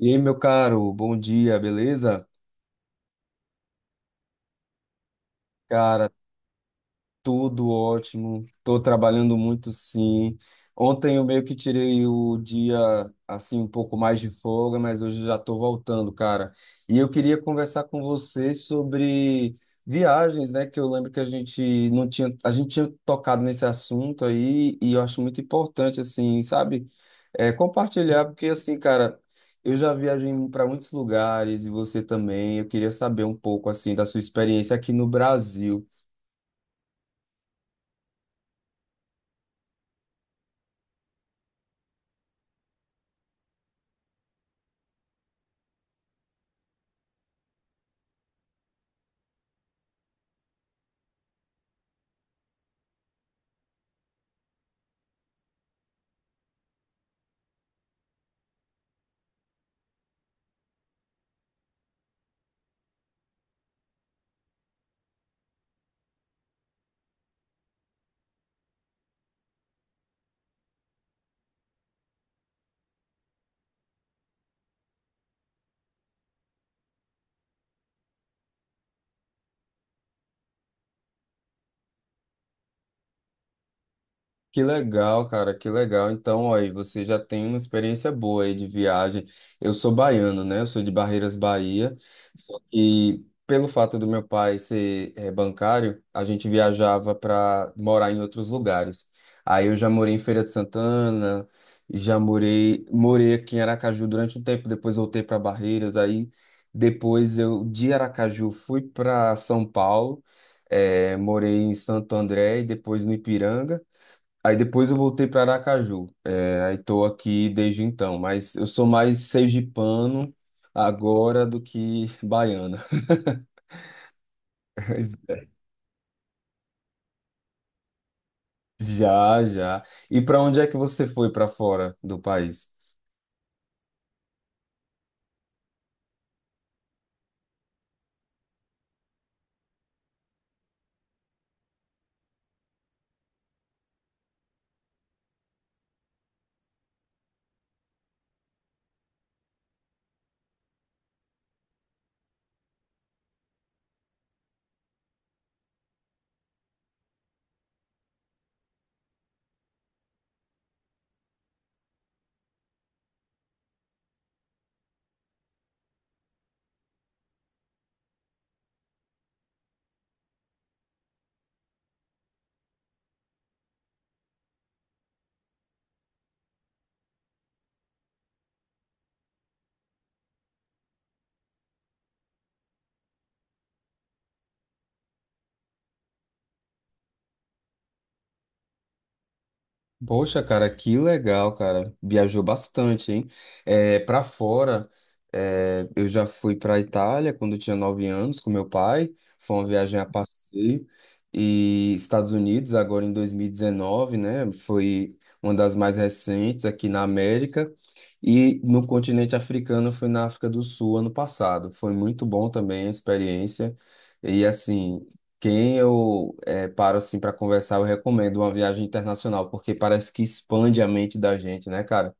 E aí, meu caro, bom dia, beleza? Cara, tudo ótimo. Estou trabalhando muito, sim. Ontem eu meio que tirei o dia assim um pouco mais de folga, mas hoje já estou voltando, cara. E eu queria conversar com você sobre viagens, né? Que eu lembro que a gente não tinha, a gente tinha tocado nesse assunto aí e eu acho muito importante, assim, sabe? É, compartilhar, porque assim, cara, eu já viajei para muitos lugares e você também. Eu queria saber um pouco assim da sua experiência aqui no Brasil. Que legal, cara, que legal. Então, ó, aí você já tem uma experiência boa aí de viagem. Eu sou baiano, né? Eu sou de Barreiras, Bahia. Só que pelo fato do meu pai ser bancário, a gente viajava para morar em outros lugares. Aí eu já morei em Feira de Santana, já morei aqui em Aracaju durante um tempo, depois voltei para Barreiras. Aí depois eu de Aracaju fui para São Paulo, morei em Santo André e depois no Ipiranga. Aí depois eu voltei para Aracaju. É, aí tô aqui desde então, mas eu sou mais sergipano agora do que baiano. Já, já. E para onde é que você foi para fora do país? Poxa, cara, que legal, cara. Viajou bastante, hein? É, para fora, eu já fui para Itália quando eu tinha 9 anos com meu pai. Foi uma viagem a passeio. E Estados Unidos, agora em 2019, né? Foi uma das mais recentes aqui na América. E no continente africano, eu fui na África do Sul ano passado. Foi muito bom também a experiência. E assim, quem eu paro assim para conversar, eu recomendo uma viagem internacional, porque parece que expande a mente da gente, né, cara?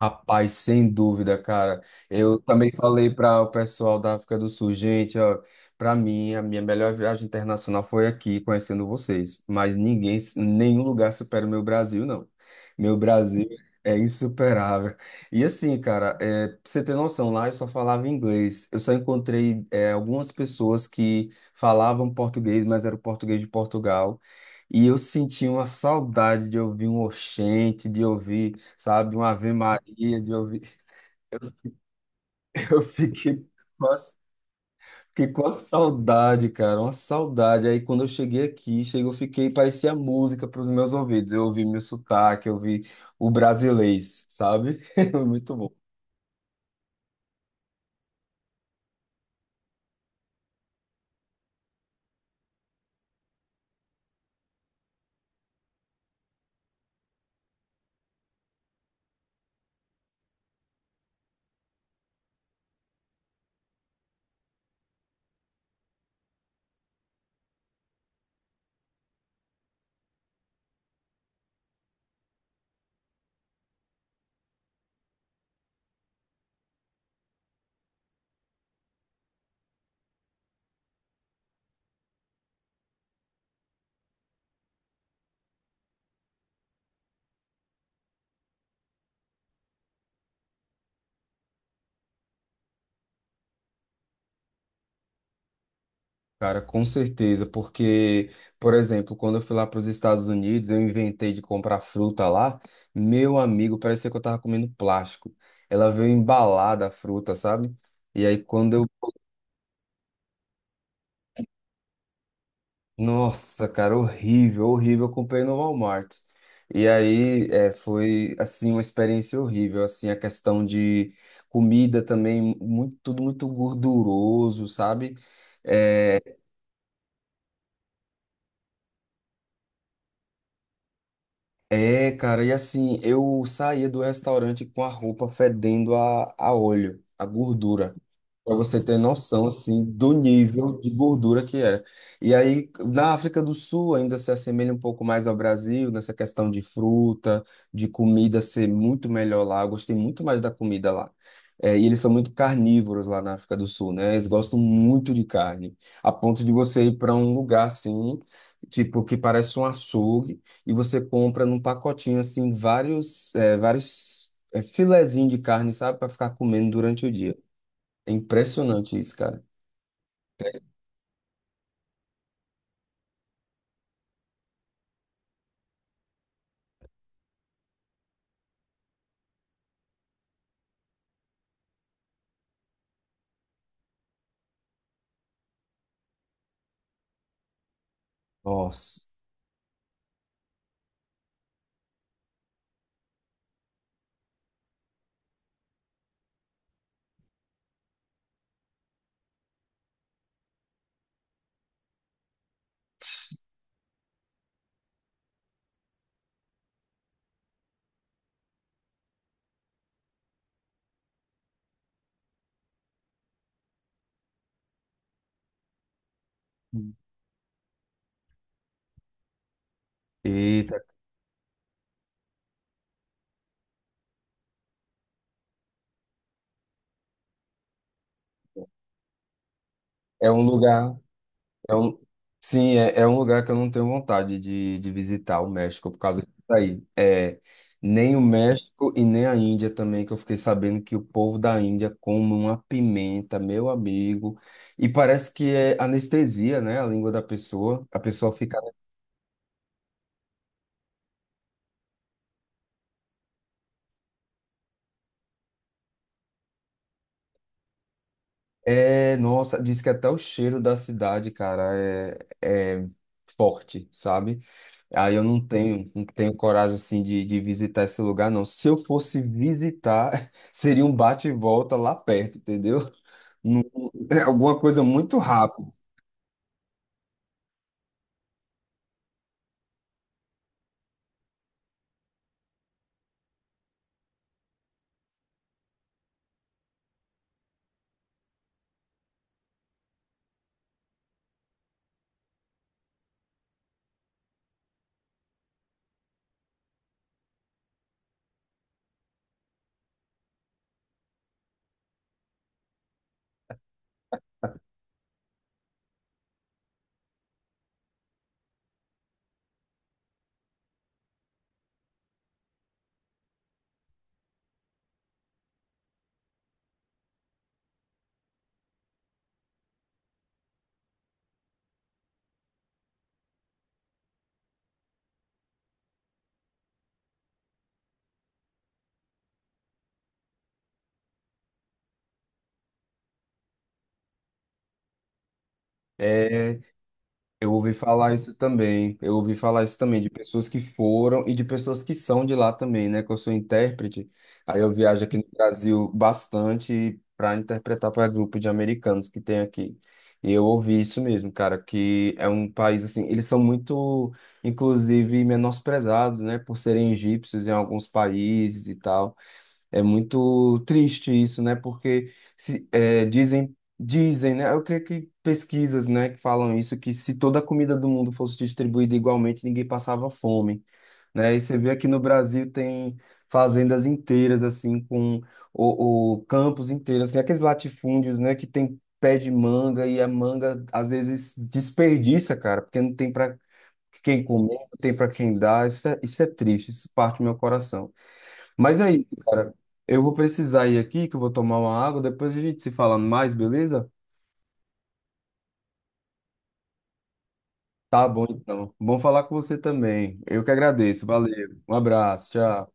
Rapaz, sem dúvida, cara. Eu também falei para o pessoal da África do Sul, gente, ó, para mim a minha melhor viagem internacional foi aqui, conhecendo vocês. Mas ninguém, nenhum lugar supera o meu Brasil, não. Meu Brasil é insuperável. E assim, cara, pra você ter noção, lá eu só falava inglês. Eu só encontrei algumas pessoas que falavam português, mas era o português de Portugal. E eu senti uma saudade de ouvir um oxente, de ouvir sabe? Uma Ave Maria de ouvir. Eu com a, fiquei com a saudade, cara, uma saudade. Aí quando eu cheguei aqui, eu fiquei, parecia música para os meus ouvidos. Eu ouvi meu sotaque, eu ouvi o brasilês, sabe? Muito bom. Cara, com certeza, porque, por exemplo, quando eu fui lá para os Estados Unidos, eu inventei de comprar fruta lá, meu amigo, parecia que eu tava comendo plástico. Ela veio embalada a fruta, sabe? E aí, quando eu Nossa, cara, horrível, horrível. Eu comprei no Walmart. E aí, foi, assim, uma experiência horrível. Assim, a questão de comida também, muito, tudo muito gorduroso, sabe? É, é, cara, e assim, eu saía do restaurante com a roupa fedendo a, óleo, a gordura. Para você ter noção, assim, do nível de gordura que era. E aí, na África do Sul, ainda se assemelha um pouco mais ao Brasil, nessa questão de fruta, de comida ser muito melhor lá. Eu gostei muito mais da comida lá. É, e eles são muito carnívoros lá na África do Sul, né? Eles gostam muito de carne, a ponto de você ir para um lugar assim, tipo, que parece um açougue, e você compra num pacotinho, assim, vários, filezinhos de carne, sabe, para ficar comendo durante o dia. É impressionante isso, cara. Nossa. Eita. É um lugar. É um, sim, é um lugar que eu não tenho vontade de visitar o México por causa disso aí. É, nem o México e nem a Índia também, que eu fiquei sabendo que o povo da Índia come uma pimenta, meu amigo. E parece que é anestesia, né? A língua da pessoa. A pessoa fica. É, nossa, diz que até o cheiro da cidade, cara, é forte, sabe? Aí eu não tenho coragem assim de visitar esse lugar, não. Se eu fosse visitar, seria um bate e volta lá perto, entendeu? Não- é alguma coisa muito rápida. Eu ouvi falar isso também. Eu ouvi falar isso também de pessoas que foram e de pessoas que são de lá também, né? Que eu sou intérprete. Aí eu viajo aqui no Brasil bastante para interpretar para grupo de americanos que tem aqui. E eu ouvi isso mesmo, cara, que é um país assim, eles são muito, inclusive, menosprezados, né? Por serem egípcios em alguns países e tal. É muito triste isso, né? Porque se, dizem, dizem, né? Eu creio que pesquisas, né, que falam isso, que se toda a comida do mundo fosse distribuída igualmente, ninguém passava fome, né? E você vê aqui no Brasil tem fazendas inteiras, assim, com o, campos inteiros, assim, aqueles latifúndios, né, que tem pé de manga e a manga às vezes desperdiça, cara, porque não tem para quem comer, não tem para quem dar. Isso é triste, isso parte do meu coração. Mas aí eu vou precisar ir aqui, que eu vou tomar uma água. Depois a gente se fala mais, beleza? Tá bom, então. Bom falar com você também. Eu que agradeço. Valeu. Um abraço. Tchau.